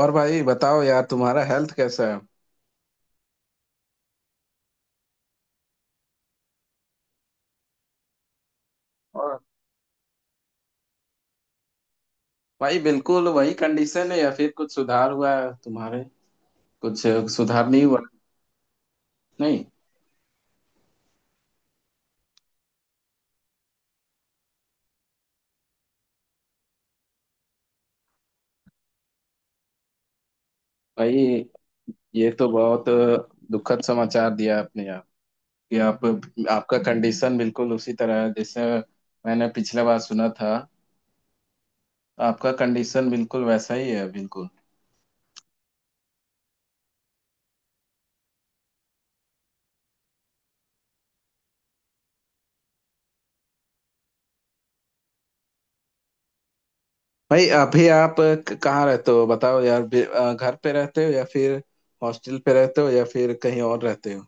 और भाई बताओ यार, तुम्हारा हेल्थ कैसा है? और भाई, बिल्कुल वही कंडीशन है या फिर कुछ सुधार हुआ है तुम्हारे? कुछ सुधार नहीं हुआ? नहीं? भाई, ये तो बहुत दुखद समाचार दिया आपने यार। कि आप आपका कंडीशन बिल्कुल उसी तरह है जैसे मैंने पिछले बार सुना था। आपका कंडीशन बिल्कुल वैसा ही है, बिल्कुल। भाई, अभी आप कहाँ रहते हो, बताओ यार? घर पे रहते हो या फिर हॉस्टल पे रहते हो या फिर कहीं और रहते हो?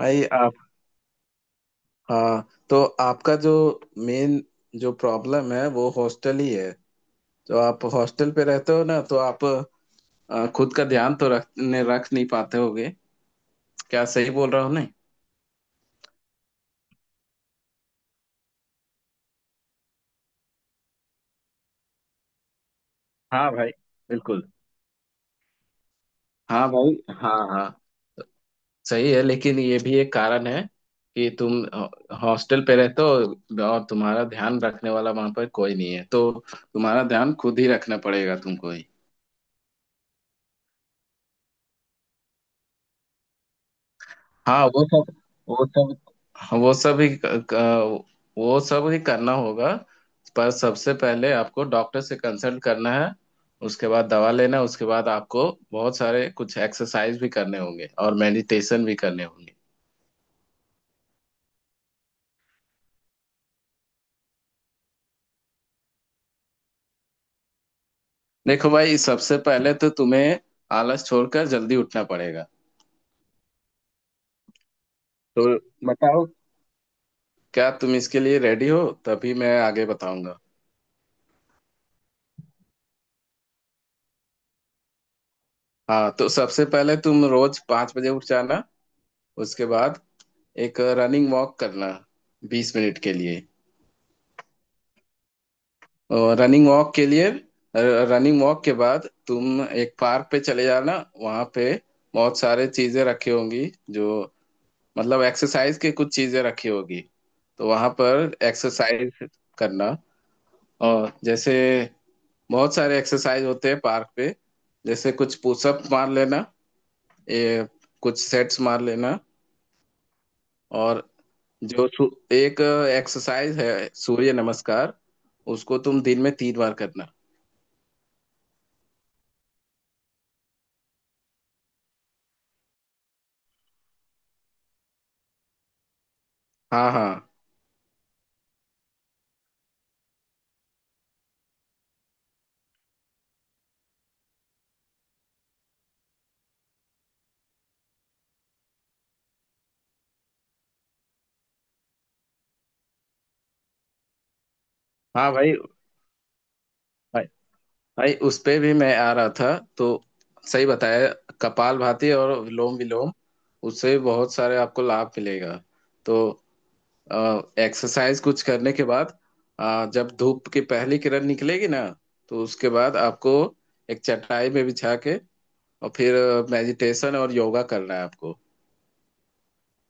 भाई, हाँ, तो आपका जो मेन जो प्रॉब्लम है वो हॉस्टल ही है। तो आप हॉस्टल पे रहते हो ना, तो आप खुद का ध्यान तो रख नहीं पाते होगे। क्या सही बोल रहा हूँ? नहीं? हाँ भाई, बिल्कुल। हाँ भाई। हाँ, हाँ, सही है। लेकिन ये भी एक कारण है कि तुम हॉस्टल पे रहते हो और तुम्हारा ध्यान रखने वाला वहां पर कोई नहीं है, तो तुम्हारा ध्यान खुद ही रखना पड़ेगा, तुमको ही। हाँ, वो सब हाँ, क- वो सब ही करना होगा। पर सबसे पहले आपको डॉक्टर से कंसल्ट करना है, उसके बाद दवा लेना है, उसके बाद आपको बहुत सारे कुछ एक्सरसाइज भी करने होंगे और मेडिटेशन भी करने होंगे। देखो भाई, सबसे पहले तो तुम्हें आलस छोड़कर जल्दी उठना पड़ेगा। तो बताओ, क्या तुम इसके लिए रेडी हो? तभी मैं आगे बताऊंगा। हाँ, तो सबसे पहले तुम रोज 5 बजे उठ जाना। उसके बाद एक रनिंग वॉक करना 20 मिनट के लिए। और रनिंग वॉक के लिए, रनिंग वॉक के बाद तुम एक पार्क पे चले जाना। वहाँ पे बहुत सारे चीजें रखी होंगी, जो, मतलब एक्सरसाइज के कुछ चीजें रखी होगी। तो वहाँ पर एक्सरसाइज करना। और जैसे बहुत सारे एक्सरसाइज होते हैं पार्क पे, जैसे कुछ पुशअप मार लेना, ये कुछ सेट्स मार लेना, और जो सु, एक एक्सरसाइज है सूर्य नमस्कार, उसको तुम दिन में 3 बार करना। हाँ, हाँ। हाँ भाई, भाई, भाई, उस पे भी मैं आ रहा था। तो सही बताया, कपाल भाती और विलोम विलोम, उससे बहुत सारे आपको लाभ मिलेगा। तो एक्सरसाइज कुछ करने के बाद, जब धूप की पहली किरण निकलेगी ना, तो उसके बाद आपको एक चटाई में बिछा के और फिर मेडिटेशन और योगा करना है आपको,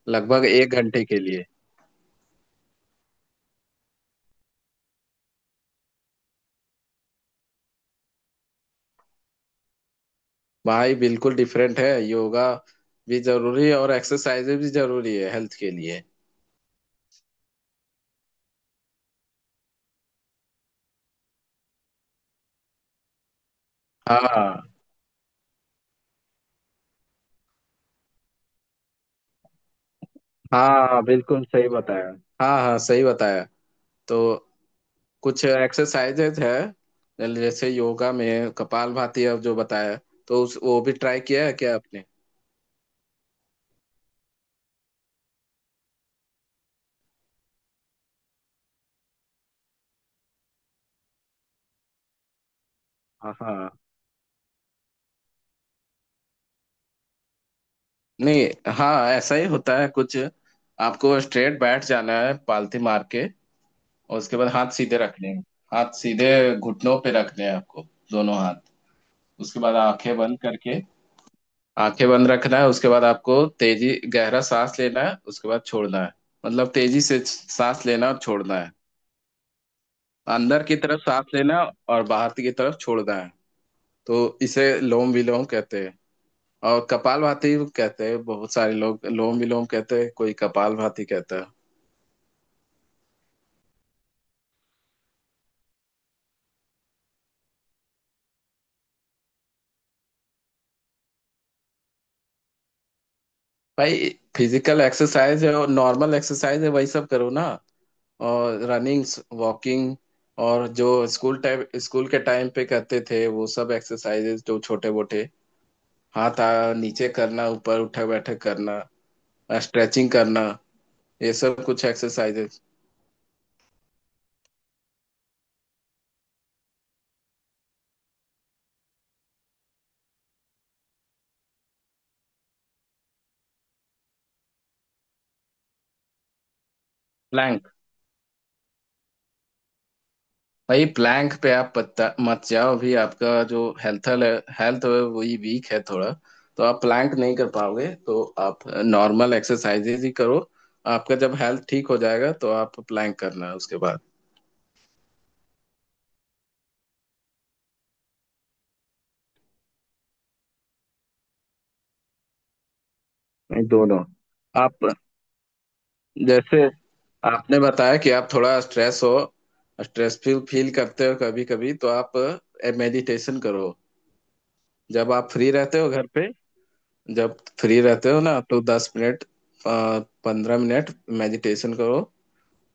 लगभग एक घंटे के लिए। भाई बिल्कुल डिफरेंट है, योगा भी जरूरी है और एक्सरसाइजेज भी जरूरी है हेल्थ के लिए। हाँ, हाँ, बिल्कुल सही बताया। हाँ, हाँ, सही बताया। तो कुछ एक्सरसाइजेज है, जैसे योगा में कपालभाति, अब जो बताया, तो उस वो भी ट्राई किया है क्या आपने? हाँ, हाँ। नहीं, हाँ, ऐसा ही होता है कुछ। आपको स्ट्रेट बैठ जाना है पालथी मार के, और उसके बाद हाथ सीधे रखने हैं। हाथ सीधे घुटनों पे रखने हैं आपको, दोनों हाथ। उसके बाद आंखें बंद करके आंखें बंद रखना है। उसके बाद आपको तेजी, गहरा सांस लेना है, उसके बाद छोड़ना है। मतलब तेजी से सांस लेना और छोड़ना है। अंदर की तरफ सांस लेना और बाहर की तरफ छोड़ना है। तो इसे लोम विलोम कहते हैं और कपालभाति कहते हैं। बहुत सारे लोग लोम विलोम कहते हैं, कोई कपालभाति कहता है। भाई, फिजिकल एक्सरसाइज है और नॉर्मल एक्सरसाइज है, वही सब करो ना। और रनिंग, वॉकिंग, और जो स्कूल के टाइम पे करते थे वो सब एक्सरसाइजेज, जो छोटे मोटे, हाथ नीचे करना, ऊपर, उठक बैठक करना, स्ट्रेचिंग करना, ये सब कुछ एक्सरसाइजेस। प्लैंक, भाई प्लैंक पे आप पत्ता मत जाओ, भी आपका जो हेल्थ हेल्थ है वही वीक है थोड़ा। तो आप प्लैंक नहीं कर पाओगे, तो आप नॉर्मल एक्सरसाइजेज ही करो। आपका जब हेल्थ ठीक हो जाएगा तो आप प्लैंक करना उसके बाद। नहीं, दोनों। आप, जैसे आपने बताया कि आप थोड़ा स्ट्रेस हो, स्ट्रेस फील फील करते हो कभी कभी, तो आप मेडिटेशन करो, जब आप फ्री रहते हो घर पे। जब फ्री रहते हो ना, तो 10 मिनट, 15 मिनट मेडिटेशन करो,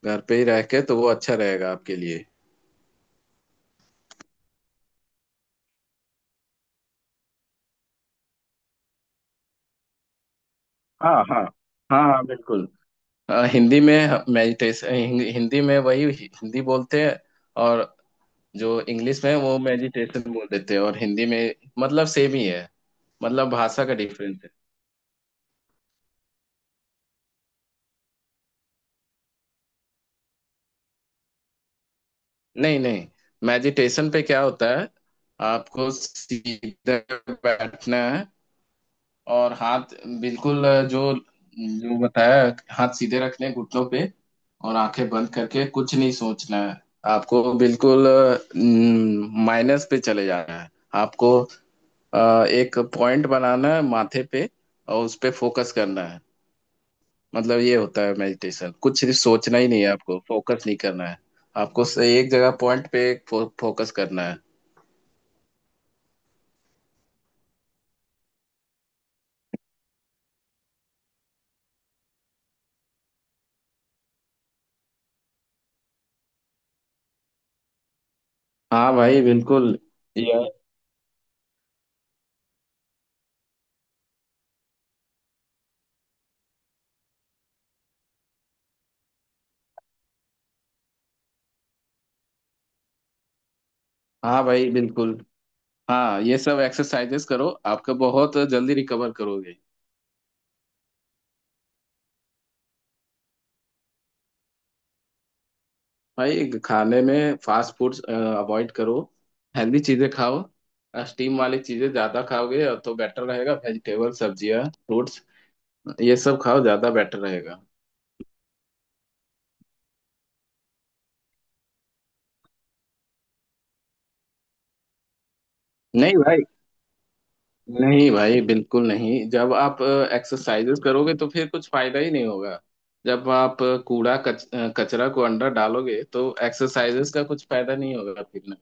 घर पे ही रह के, तो वो अच्छा रहेगा आपके लिए। हाँ, हाँ। हाँ, हाँ, बिल्कुल। हिंदी में मेडिटेशन, हिंदी में वही हिंदी बोलते हैं, और जो इंग्लिश में वो मेडिटेशन बोल देते हैं, और हिंदी में मतलब सेम ही है। मतलब भाषा का डिफरेंस है। नहीं, नहीं, मेडिटेशन पे क्या होता है, आपको सीधा बैठना है और हाथ, बिल्कुल जो जो बताया, हाथ सीधे रखने हैं घुटनों पे, और आंखें बंद करके कुछ नहीं सोचना है। आपको बिल्कुल माइनस पे चले जाना है। आपको एक पॉइंट बनाना है माथे पे और उस पे फोकस करना है। मतलब ये होता है मेडिटेशन, कुछ सिर्फ सोचना ही नहीं है, आपको फोकस नहीं करना है, आपको एक जगह पॉइंट पे फोकस करना है। हाँ भाई बिल्कुल। यह हाँ भाई बिल्कुल। हाँ, ये सब एक्सरसाइजेस करो, आपका बहुत जल्दी रिकवर करोगे। भाई खाने में फास्ट फूड्स अवॉइड करो, हेल्दी चीजें खाओ। स्टीम वाली चीजें ज्यादा खाओगे तो बेटर रहेगा, वेजिटेबल, सब्जियां, फ्रूट्स, ये सब खाओ, ज्यादा बेटर रहेगा। नहीं भाई, नहीं भाई, बिल्कुल नहीं। जब आप एक्सरसाइजेस करोगे तो फिर कुछ फायदा ही नहीं होगा, जब आप कूड़ा कचरा को अंदर डालोगे तो एक्सरसाइजेस का कुछ फायदा नहीं होगा फिर ना।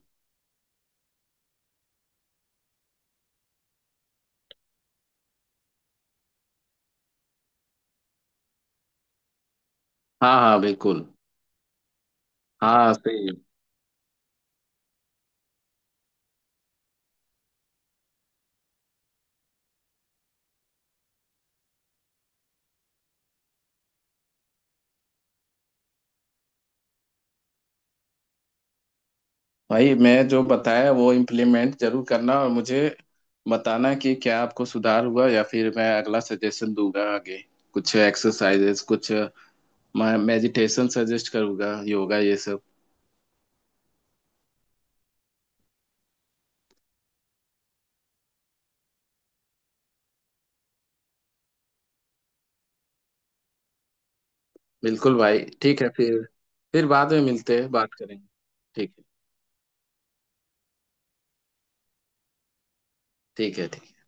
हाँ, हाँ, बिल्कुल। हाँ, सही। भाई, मैं जो बताया वो इम्प्लीमेंट जरूर करना, और मुझे बताना कि क्या आपको सुधार हुआ, या फिर मैं अगला सजेशन दूंगा आगे, कुछ एक्सरसाइजेस, कुछ मेडिटेशन सजेस्ट करूंगा, योगा, ये सब। बिल्कुल भाई, ठीक है फिर बाद में मिलते हैं, बात करेंगे। ठीक है। ठीक है। ठीक।